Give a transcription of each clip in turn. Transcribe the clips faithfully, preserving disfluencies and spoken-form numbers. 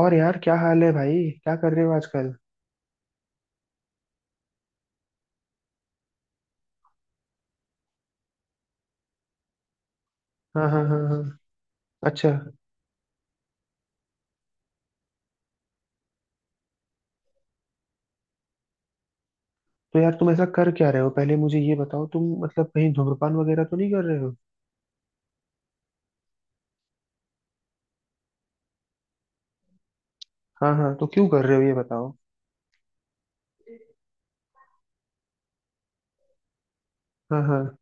और यार, क्या हाल है भाई? क्या कर रहे हो आजकल? हाँ हाँ हाँ हाँ। अच्छा। तो यार, तुम ऐसा कर क्या रहे हो? पहले मुझे ये बताओ, तुम मतलब कहीं धूम्रपान वगैरह तो नहीं कर रहे हो? हाँ हाँ, तो क्यों कर रहे हो ये बताओ। हाँ हाँ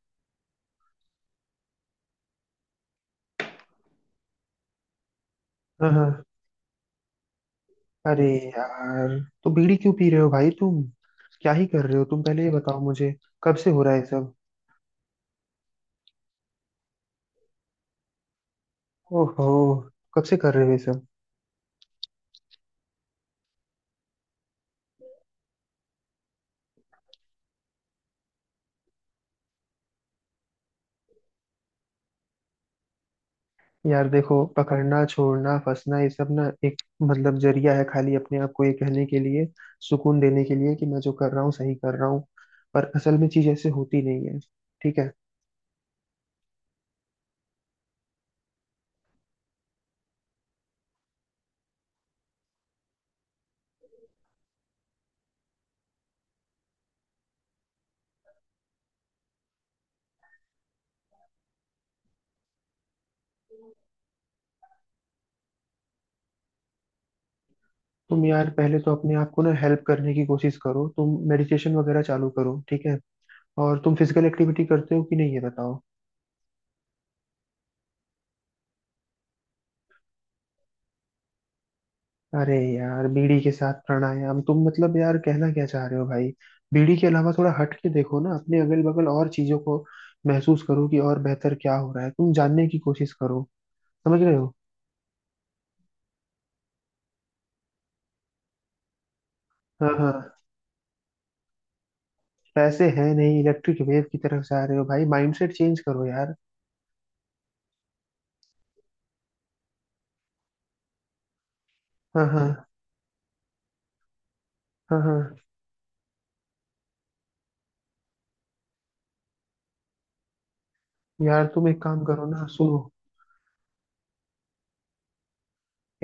हाँ हाँ। अरे यार, तो बीड़ी क्यों पी रहे हो भाई तुम? क्या ही कर रहे हो तुम, पहले ये बताओ मुझे। कब से हो रहा है ये सब? ओहो। कब से कर रहे हो ये सब? यार देखो, पकड़ना, छोड़ना, फंसना ये सब ना एक मतलब जरिया है खाली अपने आप को ये कहने के लिए, सुकून देने के लिए कि मैं जो कर रहा हूँ सही कर रहा हूँ। पर असल में चीज ऐसे होती नहीं है। ठीक है? तुम यार पहले तो अपने आप को ना हेल्प करने की कोशिश करो, तुम मेडिटेशन वगैरह चालू करो, ठीक है? और तुम फिजिकल एक्टिविटी करते हो कि नहीं, ये बताओ। अरे यार, बीड़ी के साथ प्राणायाम? तुम मतलब यार कहना क्या चाह रहे हो भाई? बीड़ी के अलावा थोड़ा हट के देखो ना अपने अगल बगल और चीजों को। महसूस करो कि और बेहतर क्या हो रहा है, तुम जानने की कोशिश करो। समझ रहे हो? हाँ हाँ। पैसे हैं नहीं, इलेक्ट्रिक वेव की तरफ जा रहे हो भाई। माइंडसेट चेंज करो यार। हाँ हाँ हाँ हाँ। यार तुम एक काम करो ना, सुनो।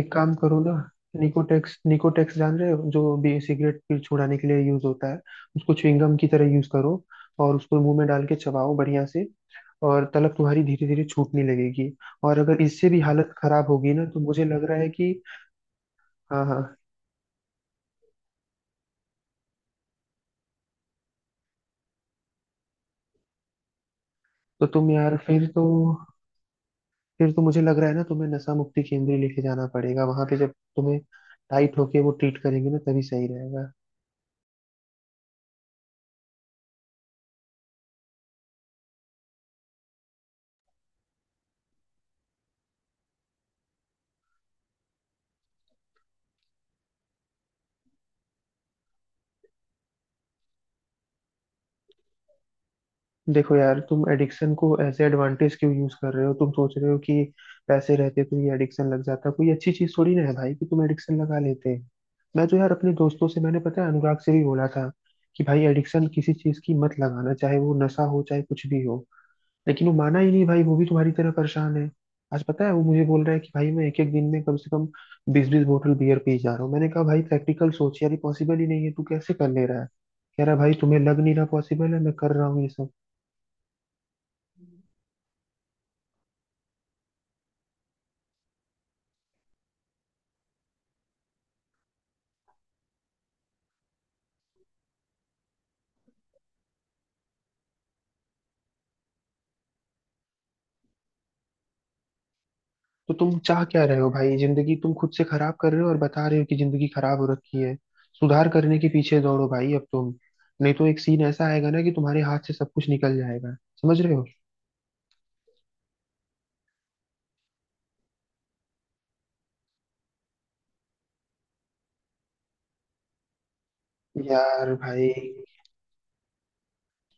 एक काम करो ना, निकोटेक्स, निकोटेक्स जान रहे हो, जो भी सिगरेट फिर छुड़ाने के लिए यूज होता है, उसको च्युइंगम की तरह यूज करो। और उसको मुंह में डाल के चबाओ बढ़िया से। और तलब तुम्हारी धीरे धीरे छूटने लगेगी। और अगर इससे भी हालत खराब होगी ना, तो मुझे लग रहा है कि। हाँ हाँ। तो तुम यार फिर तो, फिर तो मुझे लग रहा है ना, तुम्हें नशा मुक्ति केंद्र लेके जाना पड़ेगा। वहां पे जब तुम्हें टाइट होके वो ट्रीट करेंगे ना, तभी सही रहेगा। देखो यार, तुम एडिक्शन को एज एडवांटेज क्यों यूज कर रहे हो? तुम सोच रहे हो कि पैसे रहते तो ये एडिक्शन लग जाता, कोई अच्छी चीज थोड़ी ना है भाई कि तुम एडिक्शन लगा लेते। मैं तो यार अपने दोस्तों से, मैंने पता है अनुराग से भी बोला था कि भाई एडिक्शन किसी चीज की मत लगाना, चाहे वो नशा हो चाहे कुछ भी हो। लेकिन वो माना ही नहीं भाई, वो भी तुम्हारी तरह परेशान है। आज पता है वो मुझे बोल रहा है कि भाई मैं एक एक दिन में कम से कम बीस बीस बोतल बियर पी जा रहा हूँ। मैंने कहा भाई, प्रैक्टिकल सोच यार, ये पॉसिबल ही नहीं है, तू कैसे कर ले रहा है? कह रहा है भाई तुम्हें लग नहीं रहा पॉसिबल है, मैं कर रहा हूँ ये सब। तो तुम चाह क्या रहे हो भाई? जिंदगी तुम खुद से खराब कर रहे हो और बता रहे हो कि जिंदगी खराब हो रखी है। सुधार करने के पीछे दौड़ो भाई अब तुम। नहीं तो एक सीन ऐसा आएगा ना कि तुम्हारे हाथ से सब कुछ निकल जाएगा। समझ रहे हो? यार भाई,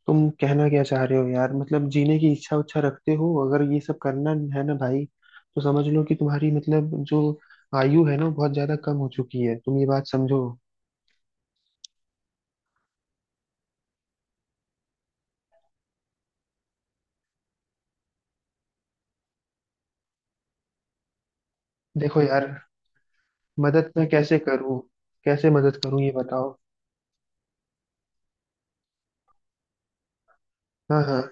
तुम कहना क्या चाह रहे हो यार? मतलब जीने की इच्छा उच्छा रखते हो अगर, ये सब करना है ना भाई? तो समझ लो कि तुम्हारी मतलब जो आयु है ना, वो बहुत ज्यादा कम हो चुकी है, तुम ये बात समझो। देखो यार, मदद मैं कैसे करूं? कैसे मदद करूं ये बताओ। हाँ हाँ।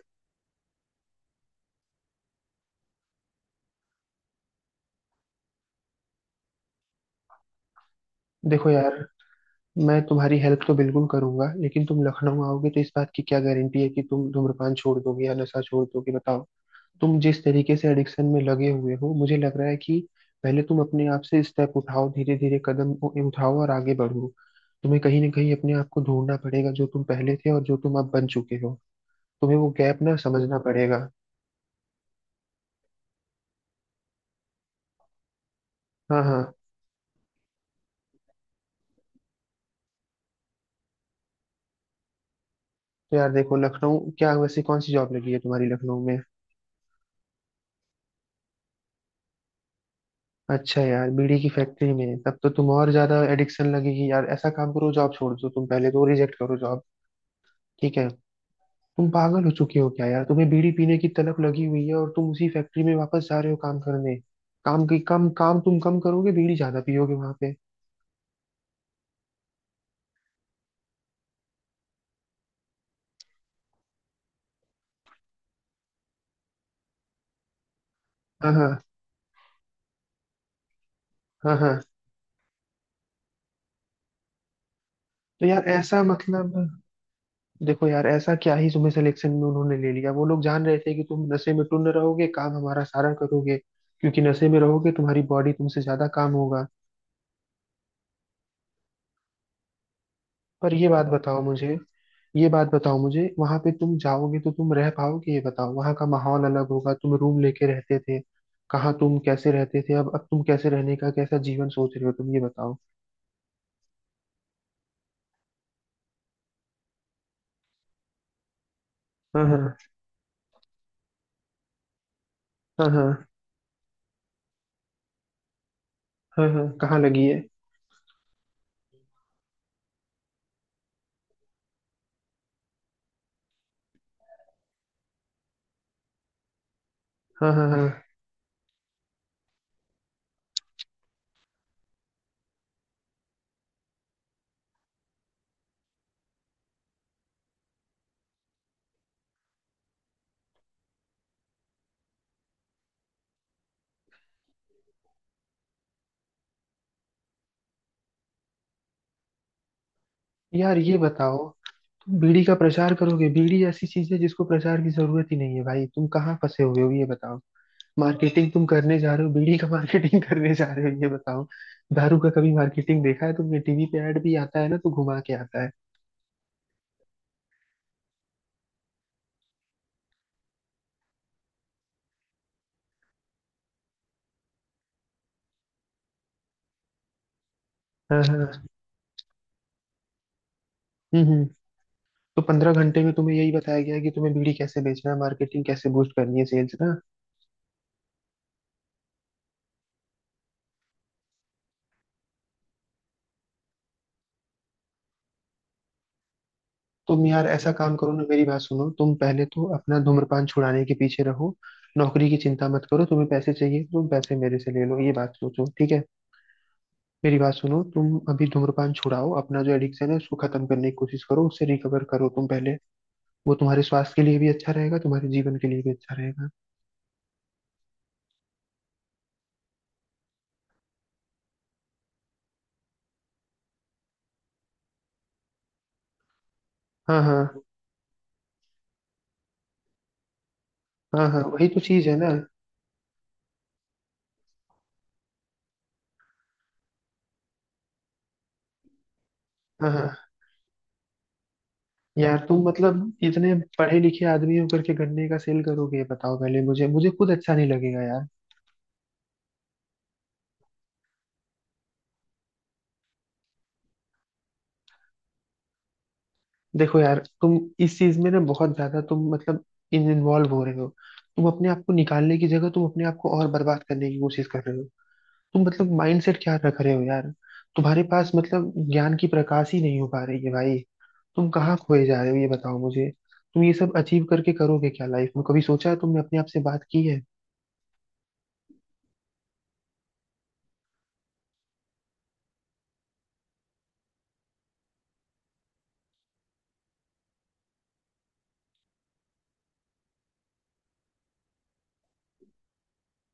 देखो यार, मैं तुम्हारी हेल्प तो बिल्कुल करूंगा, लेकिन तुम लखनऊ आओगे तो इस बात की क्या गारंटी है कि तुम धूम्रपान छोड़ दोगे या नशा छोड़ दोगे, बताओ? तुम जिस तरीके से एडिक्शन में लगे हुए हो, मुझे लग रहा है कि पहले तुम अपने आप से स्टेप उठाओ, धीरे धीरे कदम उ- उठाओ और आगे बढ़ो। तुम्हें कहीं ना कहीं अपने आप को ढूंढना पड़ेगा जो तुम पहले थे और जो तुम अब बन चुके हो। तुम्हें वो गैप ना समझना पड़ेगा। हाँ हाँ। तो यार देखो, लखनऊ क्या, वैसे कौन सी जॉब लगी है तुम्हारी लखनऊ में? अच्छा, यार बीड़ी की फैक्ट्री में तब तो तुम और ज्यादा एडिक्शन लगेगी यार। ऐसा काम करो, जॉब छोड़ दो तुम, पहले तो रिजेक्ट करो जॉब। ठीक है? तुम पागल हो चुके हो क्या यार? तुम्हें बीड़ी पीने की तलब लगी हुई है और तुम उसी फैक्ट्री में वापस जा रहे हो काम करने। काम की, कम काम तुम कम करोगे, बीड़ी ज्यादा पियोगे वहां पे। हाँ हाँ हाँ हाँ। तो यार ऐसा मतलब देखो यार, ऐसा क्या ही तुम्हें सिलेक्शन में उन्होंने ले लिया, वो लोग जान रहे थे कि तुम नशे में टुन रहोगे, काम हमारा सारा करोगे। क्योंकि नशे में रहोगे, तुम्हारी बॉडी तुमसे ज्यादा काम होगा। पर ये बात बताओ मुझे, ये बात बताओ मुझे, वहां पे तुम जाओगे तो तुम रह पाओगे ये बताओ। वहां का माहौल अलग होगा, तुम रूम लेके रहते थे कहाँ, तुम कैसे रहते थे? अब अब तुम कैसे रहने का, कैसा जीवन सोच रहे हो तुम ये बताओ। हाँ हाँ। हाँ हाँ। हाँ हाँ कहाँ लगी है? हाँ हाँ हाँ। यार ये बताओ, तुम बीड़ी का प्रचार करोगे? बीड़ी ऐसी चीज है जिसको प्रचार की जरूरत ही नहीं है भाई। तुम कहाँ फंसे हुए हो ये बताओ। मार्केटिंग तुम करने जा रहे हो, बीड़ी का मार्केटिंग करने जा रहे हो, ये बताओ। दारू का कभी मार्केटिंग देखा है तुमने? टीवी पे ऐड भी आता है ना तो घुमा के आता है। हाँ हाँ। हम्म हम्म। तो पंद्रह घंटे में तुम्हें यही बताया गया है कि तुम्हें बीड़ी कैसे बेचना है, मार्केटिंग कैसे बूस्ट करनी है, सेल्स ना? तुम यार ऐसा काम करो ना, मेरी बात सुनो, तुम पहले तो अपना धूम्रपान छुड़ाने के पीछे रहो। नौकरी की चिंता मत करो, तुम्हें पैसे चाहिए तुम पैसे मेरे से ले लो, ये बात सोचो, ठीक है? मेरी बात सुनो, तुम अभी धूम्रपान छुड़ाओ, अपना जो एडिक्शन है उसको खत्म करने की कोशिश करो, उससे रिकवर करो तुम पहले। वो तुम्हारे स्वास्थ्य के लिए भी अच्छा रहेगा, तुम्हारे जीवन के लिए भी अच्छा रहेगा। हाँ हाँ। हाँ हाँ वही तो चीज है ना। हाँ हाँ। यार तुम मतलब इतने पढ़े लिखे आदमी होकर के गन्ने का सेल करोगे, ये बताओ पहले मुझे मुझे खुद अच्छा नहीं लगेगा यार। देखो यार, तुम इस चीज में ना बहुत ज्यादा तुम मतलब इन इन्वॉल्व हो रहे हो। तुम अपने आप को निकालने की जगह तुम अपने आप को और बर्बाद करने की कोशिश कर रहे हो। तुम मतलब माइंडसेट क्या रख रहे हो यार? तुम्हारे पास मतलब ज्ञान की प्रकाश ही नहीं हो पा रही है भाई। तुम कहाँ खोए जा रहे हो ये बताओ मुझे। तुम ये सब अचीव करके करोगे क्या लाइफ में? कभी सोचा है तुमने, अपने आप से बात की है?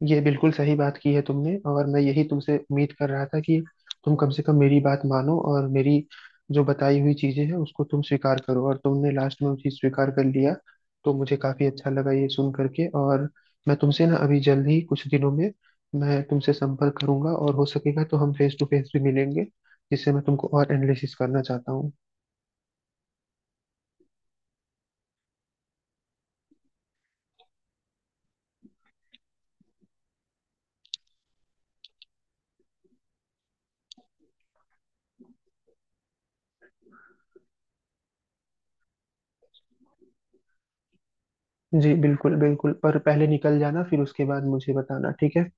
ये बिल्कुल सही बात की है तुमने, और मैं यही तुमसे उम्मीद कर रहा था कि तुम कम से कम मेरी बात मानो और मेरी जो बताई हुई चीजें हैं उसको तुम स्वीकार करो, और तुमने लास्ट में वो चीज स्वीकार कर लिया, तो मुझे काफी अच्छा लगा ये सुन करके। और मैं तुमसे ना अभी जल्द ही कुछ दिनों में मैं तुमसे संपर्क करूंगा, और हो सकेगा तो हम फेस टू फेस भी मिलेंगे, जिससे मैं तुमको और एनालिसिस करना चाहता हूँ। जी बिल्कुल बिल्कुल, पर पहले निकल जाना फिर उसके बाद मुझे बताना, ठीक है?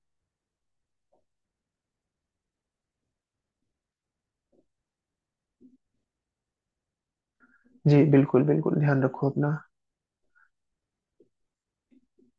जी बिल्कुल बिल्कुल, ध्यान रखो अपना।